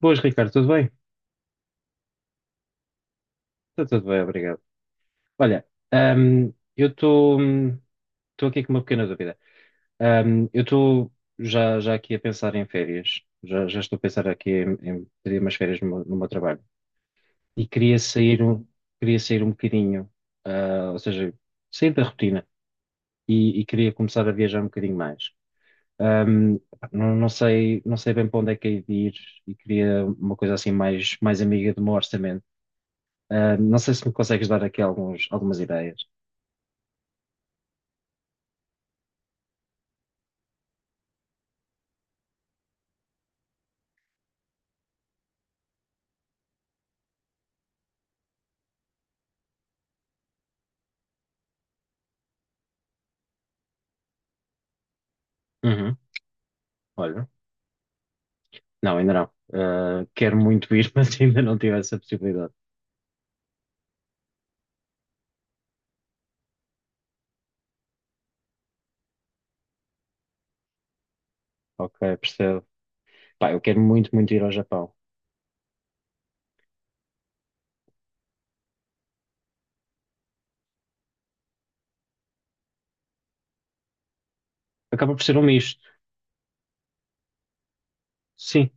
Boas, Ricardo, tudo bem? Está tudo bem, obrigado. Olha, ahm, eu estou estou aqui com uma pequena dúvida. Eu estou já aqui a pensar em férias, já estou a pensar aqui em pedir umas férias no meu trabalho e queria sair um bocadinho, ou seja, sair da rotina e queria começar a viajar um bocadinho mais. Ahm, não sei bem para onde é que hei de ir e queria uma coisa assim mais amiga do meu orçamento. Não sei se me consegues dar aqui algumas ideias. Uhum. Olha, não, ainda não. Quero muito ir, mas ainda não tive essa possibilidade. Ok, percebo. Pá, eu quero muito, muito ir ao Japão. Acaba por ser um misto. Sim,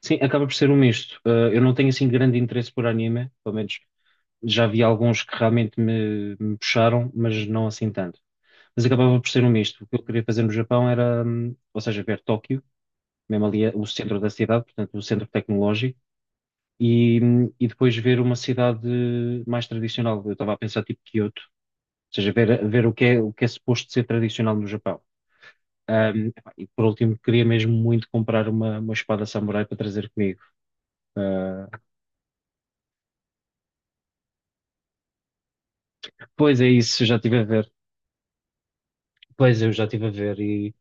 sim, acaba por ser um misto. Eu não tenho assim grande interesse por anime, pelo menos já vi alguns que realmente me puxaram, mas não assim tanto. Mas acabava por ser um misto. O que eu queria fazer no Japão era, ou seja, ver Tóquio, mesmo ali o centro da cidade, portanto, o centro tecnológico e, e depois ver uma cidade mais tradicional. Eu estava a pensar tipo Kyoto, ou seja, ver o que é suposto ser tradicional no Japão. Epá, e por último, queria mesmo muito comprar uma espada samurai para trazer comigo. Ah, pois é isso, eu já estive a ver. Pois eu já estive a ver e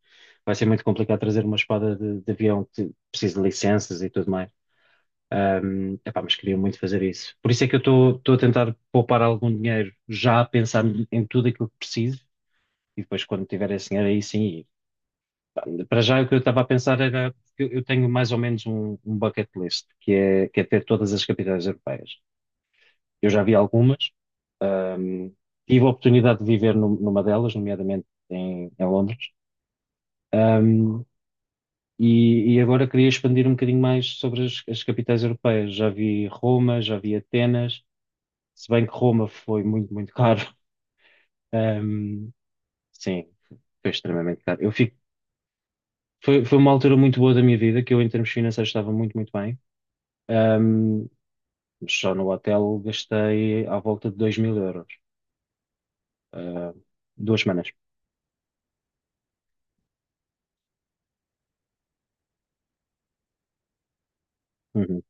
vai ser muito complicado trazer uma espada de avião que precisa de licenças e tudo mais. Epá, mas queria muito fazer isso. Por isso é que eu estou a tentar poupar algum dinheiro, já a pensar em tudo aquilo que preciso, e depois quando tiver esse dinheiro aí sim. Para já, o que eu estava a pensar era, eu tenho mais ou menos um bucket list, que é ter todas as capitais europeias. Eu já vi algumas, hum, tive a oportunidade de viver numa delas, nomeadamente em Londres. Ahm, e, agora queria expandir um bocadinho mais sobre as capitais europeias. Já vi Roma, já vi Atenas, se bem que Roma foi muito, muito caro. Ahm, sim, foi extremamente caro. Foi uma altura muito boa da minha vida, que eu, em termos financeiros, estava muito, muito bem. Ahm, Mas só no hotel gastei à volta de 2000 euros. ah, 2 semanas. Uhum.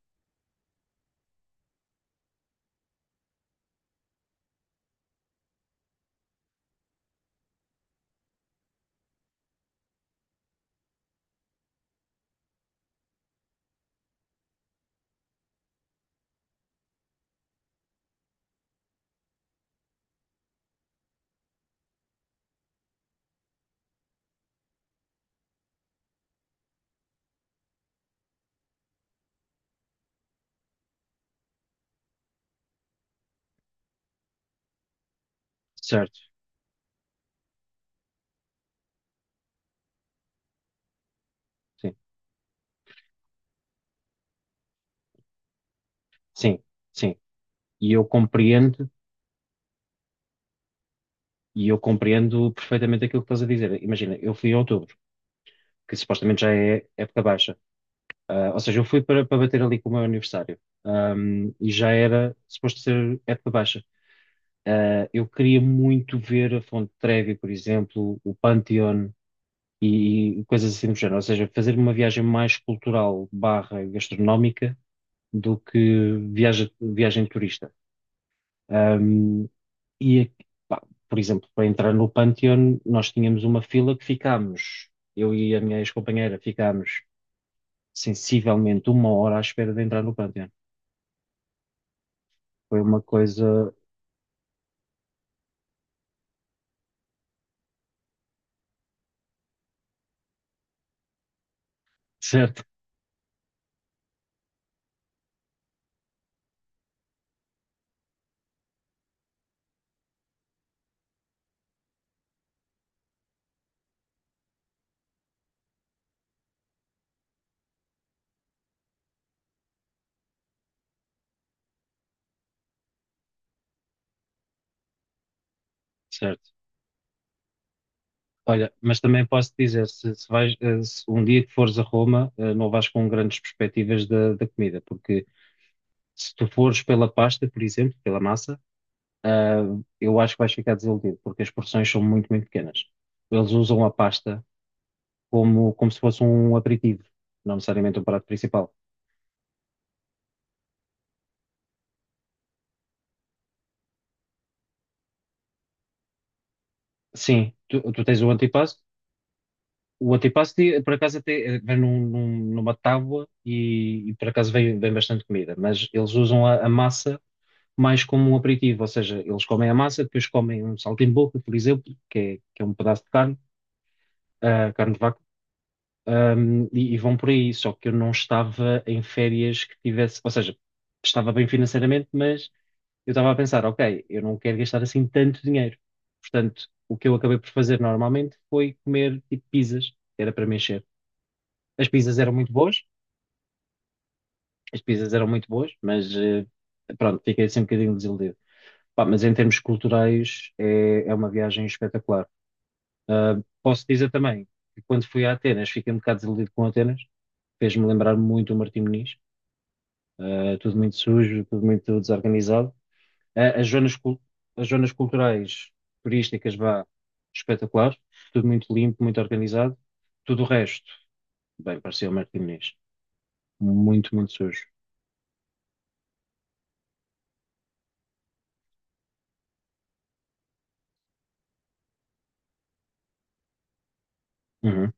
Certo. Sim. Sim. Sim. E eu compreendo, e eu compreendo perfeitamente aquilo que estás a dizer. Imagina, eu fui em outubro, que supostamente já é época baixa. Ou seja, eu fui para bater ali com o meu aniversário. E já era suposto ser época baixa. Eu queria muito ver a Fonte Trevi, por exemplo, o Pantheon, e coisas assim do género. Ou seja, fazer uma viagem mais cultural barra gastronómica do que viagem turista. Ahm, e, aqui, por exemplo, para entrar no Pantheon, nós tínhamos uma fila que ficámos, eu e a minha ex-companheira ficámos sensivelmente 1 hora à espera de entrar no Pantheon. Foi uma coisa, certo, certo. Olha, mas também posso dizer, se vais, eh, se um dia que fores a Roma, não vais com grandes perspectivas da comida, porque se tu fores pela pasta, por exemplo, pela massa, ah, eu acho que vais ficar desiludido, porque as porções são muito, muito pequenas. Eles usam a pasta como se fosse um aperitivo, não necessariamente um prato principal. Sim, tu tens o antipasto. O antipasto, por acaso, até vem numa tábua e por acaso, vem bastante comida. Mas eles usam a massa mais como um aperitivo, ou seja, eles comem a massa, depois comem um saltimbocca, por exemplo, que é um pedaço de carne, carne de vaca. E vão por aí, só que eu não estava em férias que tivesse, ou seja, estava bem financeiramente, mas eu estava a pensar, ok, eu não quero gastar assim tanto dinheiro. Portanto, o que eu acabei por fazer normalmente foi comer tipo pizzas, era para me encher. As pizzas eram muito boas, as pizzas eram muito boas, mas pronto, fiquei assim um bocadinho desiludido. Pá, mas em termos culturais é uma viagem espetacular. Ah, posso dizer também que quando fui a Atenas fiquei um bocado desiludido com Atenas, fez-me lembrar muito o Martim Moniz, tudo muito sujo, tudo muito desorganizado. Eh, as zonas, cul- as zonas culturais, turísticas, vá, espetacular, tudo muito limpo, muito organizado. Tudo o resto, bem, parecia o Martim Moniz, muito, muito sujo. Uhum,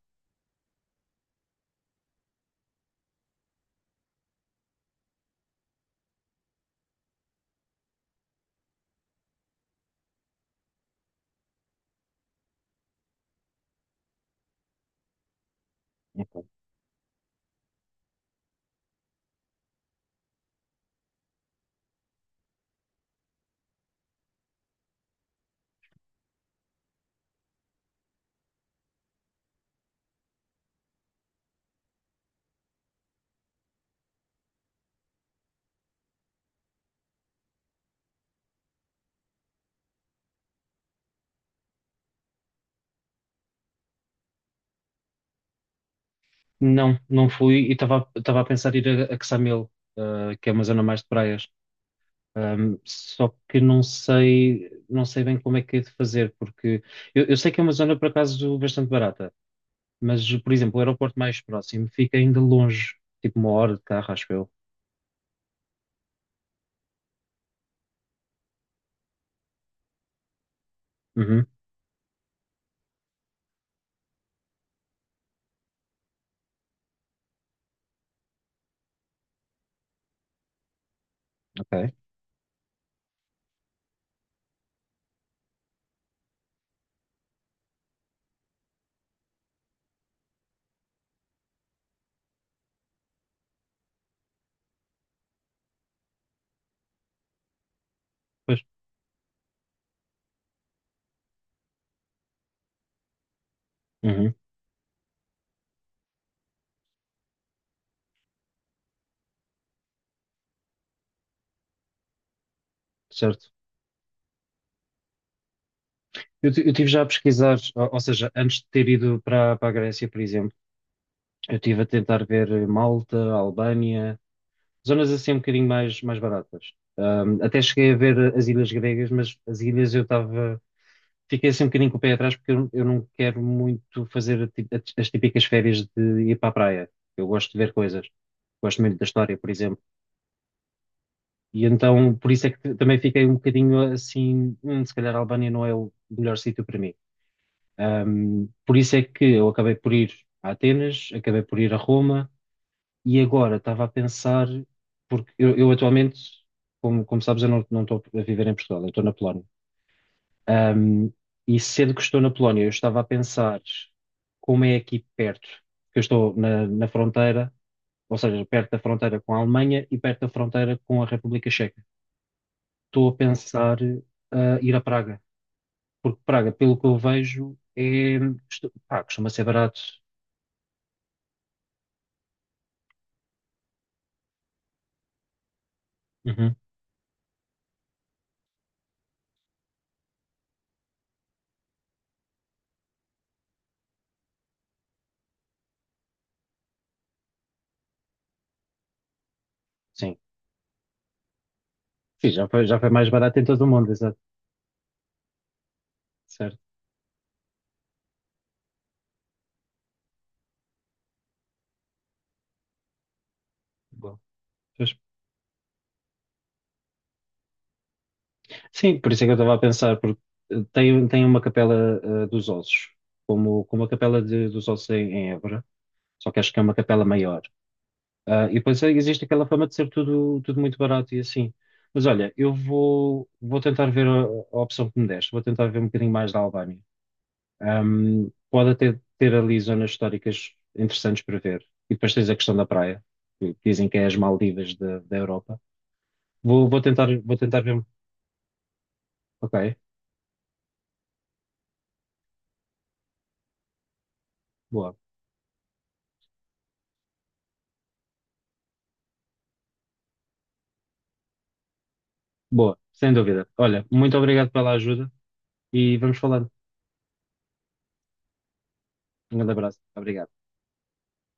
ok. Não, não fui e estava a pensar em ir a Quessamil, que é uma zona mais de praias. Só que não sei bem como é que é de fazer, porque eu sei que é uma zona, por acaso, bastante barata. Mas, por exemplo, o aeroporto mais próximo fica ainda longe, tipo 1 hora de carro, acho eu. Uhum, ok. Pois. Uhum, certo. Eu tive já a pesquisar, ou seja, antes de ter ido para a Grécia, por exemplo, eu tive a tentar ver Malta, Albânia, zonas assim um bocadinho mais baratas. Até cheguei a ver as ilhas gregas, mas as ilhas eu estava. Fiquei assim um bocadinho com o pé atrás porque eu não quero muito fazer as típicas férias de ir para a praia. Eu gosto de ver coisas. Gosto muito da história, por exemplo. E então, por isso é que também fiquei um bocadinho assim: se calhar a Albânia não é o melhor sítio para mim". Por isso é que eu acabei por ir a Atenas, acabei por ir a Roma, e agora estava a pensar, porque eu atualmente, como sabes, eu não estou a viver em Portugal, eu estou na Polónia. Ahm, e sendo que estou na Polónia, eu estava a pensar como é aqui perto, porque eu estou na fronteira, ou seja, perto da fronteira com a Alemanha e perto da fronteira com a República Checa. Estou a pensar ir a Praga, porque Praga, pelo que eu vejo, pá, costuma ser barato. Uhum, sim. Sim, já foi mais barato em todo o mundo, exato. Certo. Bom. Pois. Sim, por isso é que eu estava a pensar, porque tem uma capela dos ossos, como a capela dos ossos em Évora, só que acho que é uma capela maior. E depois existe aquela fama de ser tudo, tudo muito barato e assim. Mas olha, eu vou tentar ver a opção que me deste, vou tentar ver um bocadinho mais da Albânia. Pode até ter ali zonas históricas interessantes para ver. E depois tens a questão da praia, que dizem que é as Maldivas da Europa. Vou tentar ver. Ok, boa, boa, sem dúvida. Olha, muito obrigado pela ajuda e vamos falando. Um grande abraço. Obrigado.